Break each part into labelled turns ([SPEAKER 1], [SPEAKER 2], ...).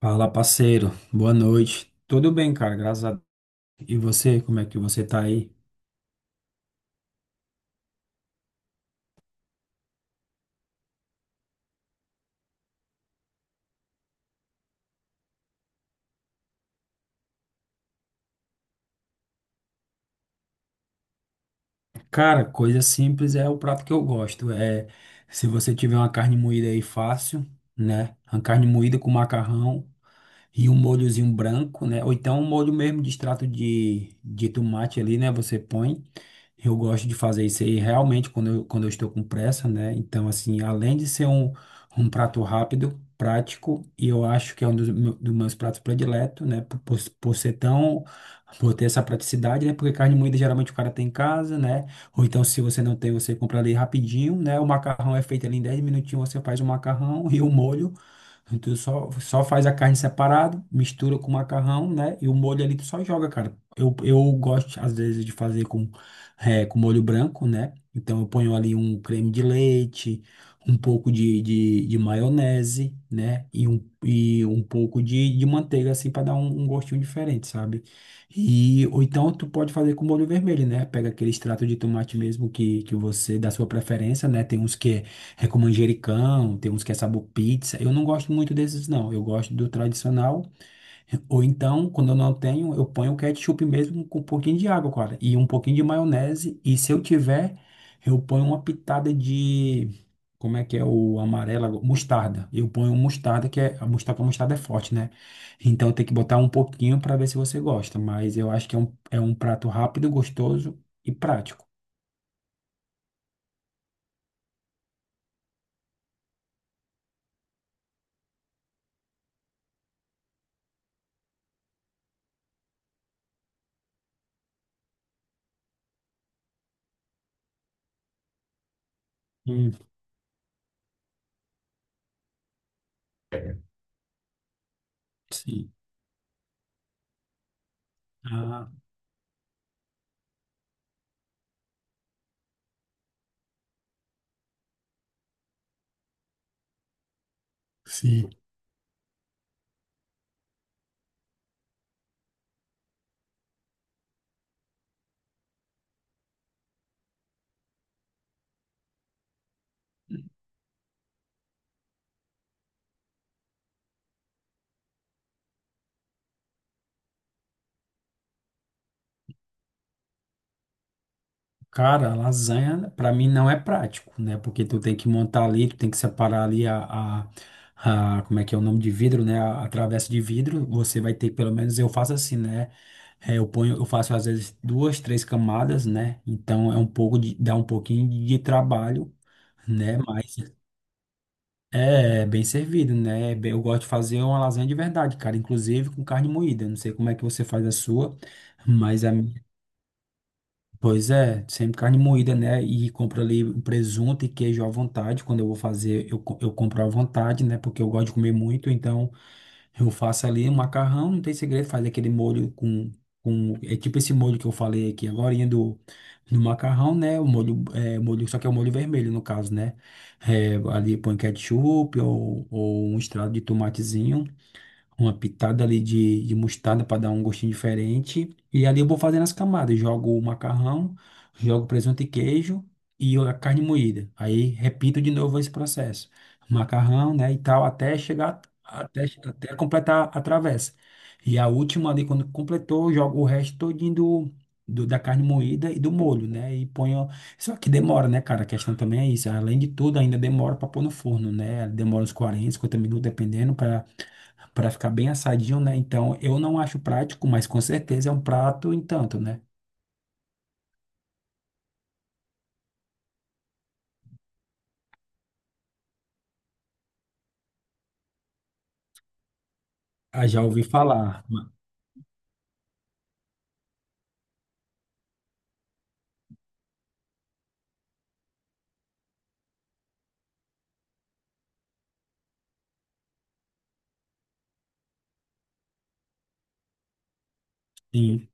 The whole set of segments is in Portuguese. [SPEAKER 1] Fala, parceiro. Boa noite. Tudo bem, cara? Graças a Deus. E você, como é que você tá aí? Cara, coisa simples é o prato que eu gosto. É, se você tiver uma carne moída aí fácil, né? Uma carne moída com macarrão e um molhozinho branco, né? Ou então um molho mesmo de extrato de tomate ali, né? Você põe. Eu gosto de fazer isso aí realmente quando eu estou com pressa, né? Então, assim, além de ser um prato rápido, prático, e eu acho que é um dos meus pratos prediletos, né? Por ser tão. Por ter essa praticidade, né? Porque carne moída geralmente o cara tem em casa, né? Ou então, se você não tem, você compra ali rapidinho, né? O macarrão é feito ali em 10 minutinhos, você faz o macarrão e o molho. Tu só faz a carne separado, mistura com o macarrão, né? E o molho ali tu só joga, cara. Eu gosto, às vezes, de fazer com molho branco, né? Então eu ponho ali um creme de leite, um pouco de maionese, né? E um pouco de manteiga, assim, para dar um gostinho diferente, sabe? Ou então tu pode fazer com molho vermelho, né? Pega aquele extrato de tomate mesmo que você, da sua preferência, né? Tem uns que é com manjericão, tem uns que é sabor pizza. Eu não gosto muito desses, não. Eu gosto do tradicional ou então, quando eu não tenho, eu ponho o ketchup mesmo com um pouquinho de água, cara, e um pouquinho de maionese. E se eu tiver, eu ponho uma pitada de. Como é que é o amarelo agora? Mostarda. Eu ponho um mostarda, que é. A mostarda é forte, né? Então tem que botar um pouquinho para ver se você gosta. Mas eu acho que é um prato rápido, gostoso e prático. Hum, sim. Ah, sim. Cara, lasanha pra mim não é prático, né? Porque tu tem que montar ali, tu tem que separar ali como é que é o nome de vidro, né? A travessa de vidro, você vai ter, pelo menos eu faço assim, né? Eu faço às vezes duas, três camadas, né? Então dá um pouquinho trabalho, né? Mas é bem servido, né? Eu gosto de fazer uma lasanha de verdade, cara, inclusive com carne moída. Não sei como é que você faz a sua, mas a Pois é, sempre carne moída, né? E compro ali um presunto e queijo à vontade. Quando eu vou fazer, eu compro à vontade, né? Porque eu gosto de comer muito, então eu faço ali um macarrão, não tem segredo, faz aquele molho com, com. É tipo esse molho que eu falei aqui agorinha do macarrão, né? O molho, é, molho, só que é o molho vermelho, no caso, né? Ali põe ketchup ou um estrado de tomatezinho, uma pitada ali de mostarda para dar um gostinho diferente. E ali eu vou fazendo as camadas. Jogo o macarrão, jogo presunto e queijo e a carne moída. Aí repito de novo esse processo. Macarrão, né, e tal, até chegar, até completar a travessa. E a última ali, quando completou, eu jogo o resto todinho da carne moída e do molho, né? E ponho. Só que demora, né, cara? A questão também é isso. Além de tudo, ainda demora para pôr no forno, né? Demora uns 40 50 minutos, dependendo, para ficar bem assadinho, né? Então, eu não acho prático, mas com certeza é um prato, entanto, né? Ah, já ouvi falar. Sim,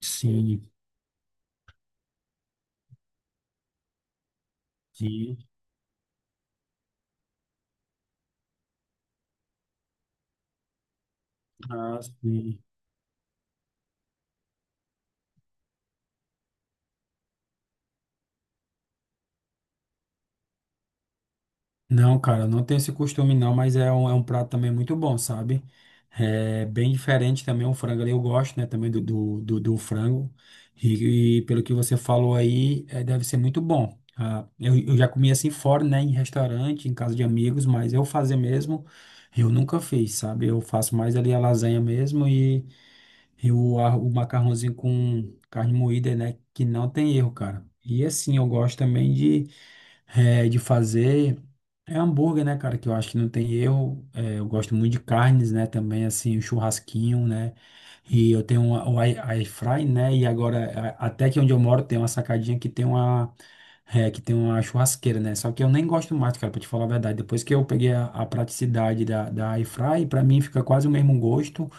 [SPEAKER 1] sim, sim. Ah, sim. Não, cara, não tenho esse costume não, mas é um prato também muito bom, sabe? É bem diferente também o frango ali, eu gosto, né, também do frango. E pelo que você falou aí, deve ser muito bom. Ah, eu já comi assim fora, né, em restaurante, em casa de amigos, mas eu fazer mesmo, eu nunca fiz, sabe? Eu faço mais ali a lasanha mesmo e o macarrãozinho com carne moída, né, que não tem erro, cara. E assim, eu gosto também de fazer hambúrguer, né, cara? Que eu acho que não tem erro. Eu gosto muito de carnes, né? Também, assim, o churrasquinho, né? E eu tenho o air fry, né? E agora, até que onde eu moro, tem uma sacadinha que tem uma churrasqueira, né? Só que eu nem gosto mais, cara, pra te falar a verdade. Depois que eu peguei a praticidade da air fry, pra mim fica quase o mesmo gosto.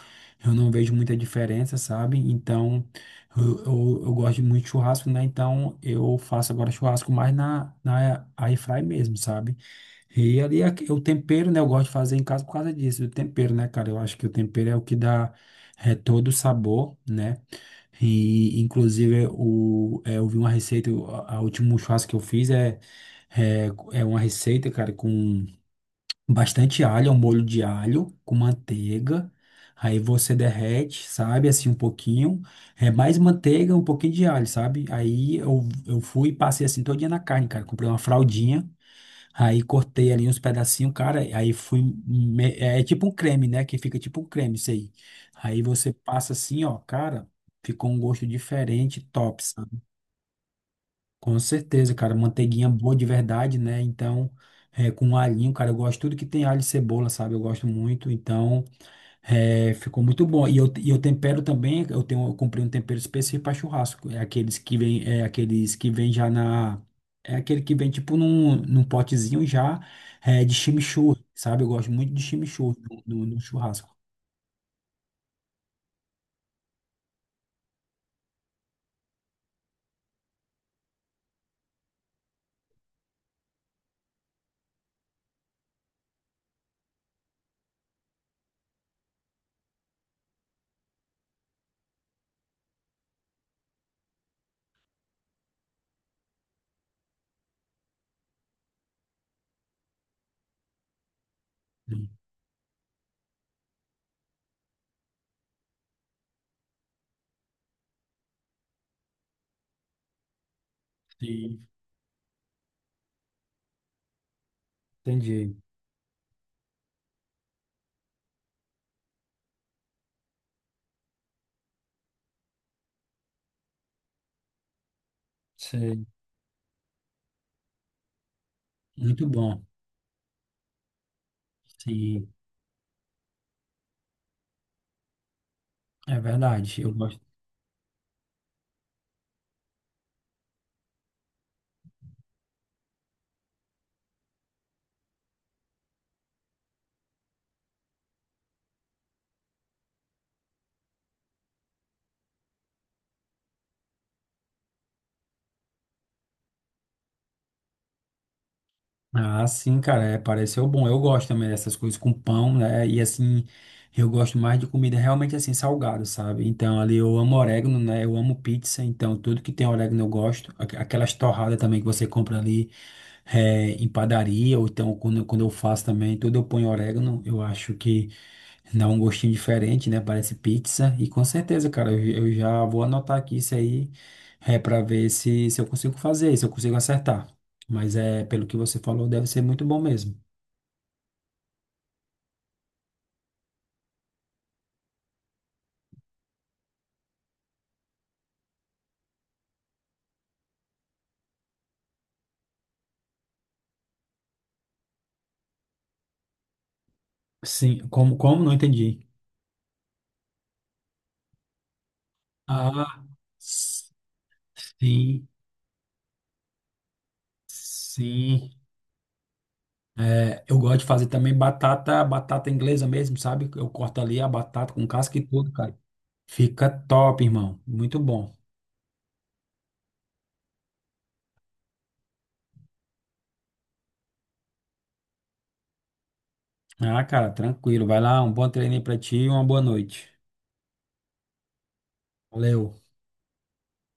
[SPEAKER 1] Eu não vejo muita diferença, sabe? Então. Eu gosto muito de churrasco, né? Então eu faço agora churrasco mais na air fry mesmo, sabe? E ali é o tempero, né? Eu gosto de fazer em casa por causa disso, do tempero, né, cara? Eu acho que o tempero é o que dá todo o sabor, né? E inclusive eu vi uma receita, a último churrasco que eu fiz é, é uma receita, cara, com bastante alho, é um molho de alho com manteiga. Aí você derrete, sabe, assim um pouquinho, é mais manteiga, um pouquinho de alho, sabe? Aí eu fui e passei assim todo dia na carne, cara. Comprei uma fraldinha, aí cortei ali uns pedacinhos, cara. Aí fui, me- é é tipo um creme, né? Que fica tipo um creme, isso aí. Aí você passa assim, ó, cara, ficou um gosto diferente, top, com certeza, cara. Manteiguinha boa de verdade, né? Então, com alhinho, cara, eu gosto tudo que tem alho e cebola, sabe? Eu gosto muito. Então, ficou muito bom. E eu tempero também, eu comprei um tempero específico para churrasco. É aqueles que vem já na. É aquele que vem tipo num potezinho já de chimichurri, sabe? Eu gosto muito de chimichurri no churrasco. Sim, entendi. Sim. Muito bom. Sim, é verdade. Eu gosto. Ah, sim, cara, pareceu bom. Eu gosto também dessas coisas com pão, né? E assim, eu gosto mais de comida realmente assim, salgada, sabe? Então, ali eu amo orégano, né? Eu amo pizza, então tudo que tem orégano eu gosto. Aquelas torradas também que você compra ali em padaria, ou então quando eu faço também, tudo eu ponho orégano. Eu acho que dá um gostinho diferente, né? Parece pizza. E com certeza, cara, eu já vou anotar aqui isso aí, pra ver se eu consigo fazer, se eu consigo acertar. Mas pelo que você falou, deve ser muito bom mesmo. Sim, como? Não entendi. Ah, s- sim, sim. Eu gosto de fazer também batata inglesa mesmo, sabe? Eu corto ali a batata com casca e tudo, cara. Fica top, irmão. Muito bom. Ah, cara, tranquilo. Vai lá, um bom treino aí pra ti e uma boa noite. Valeu.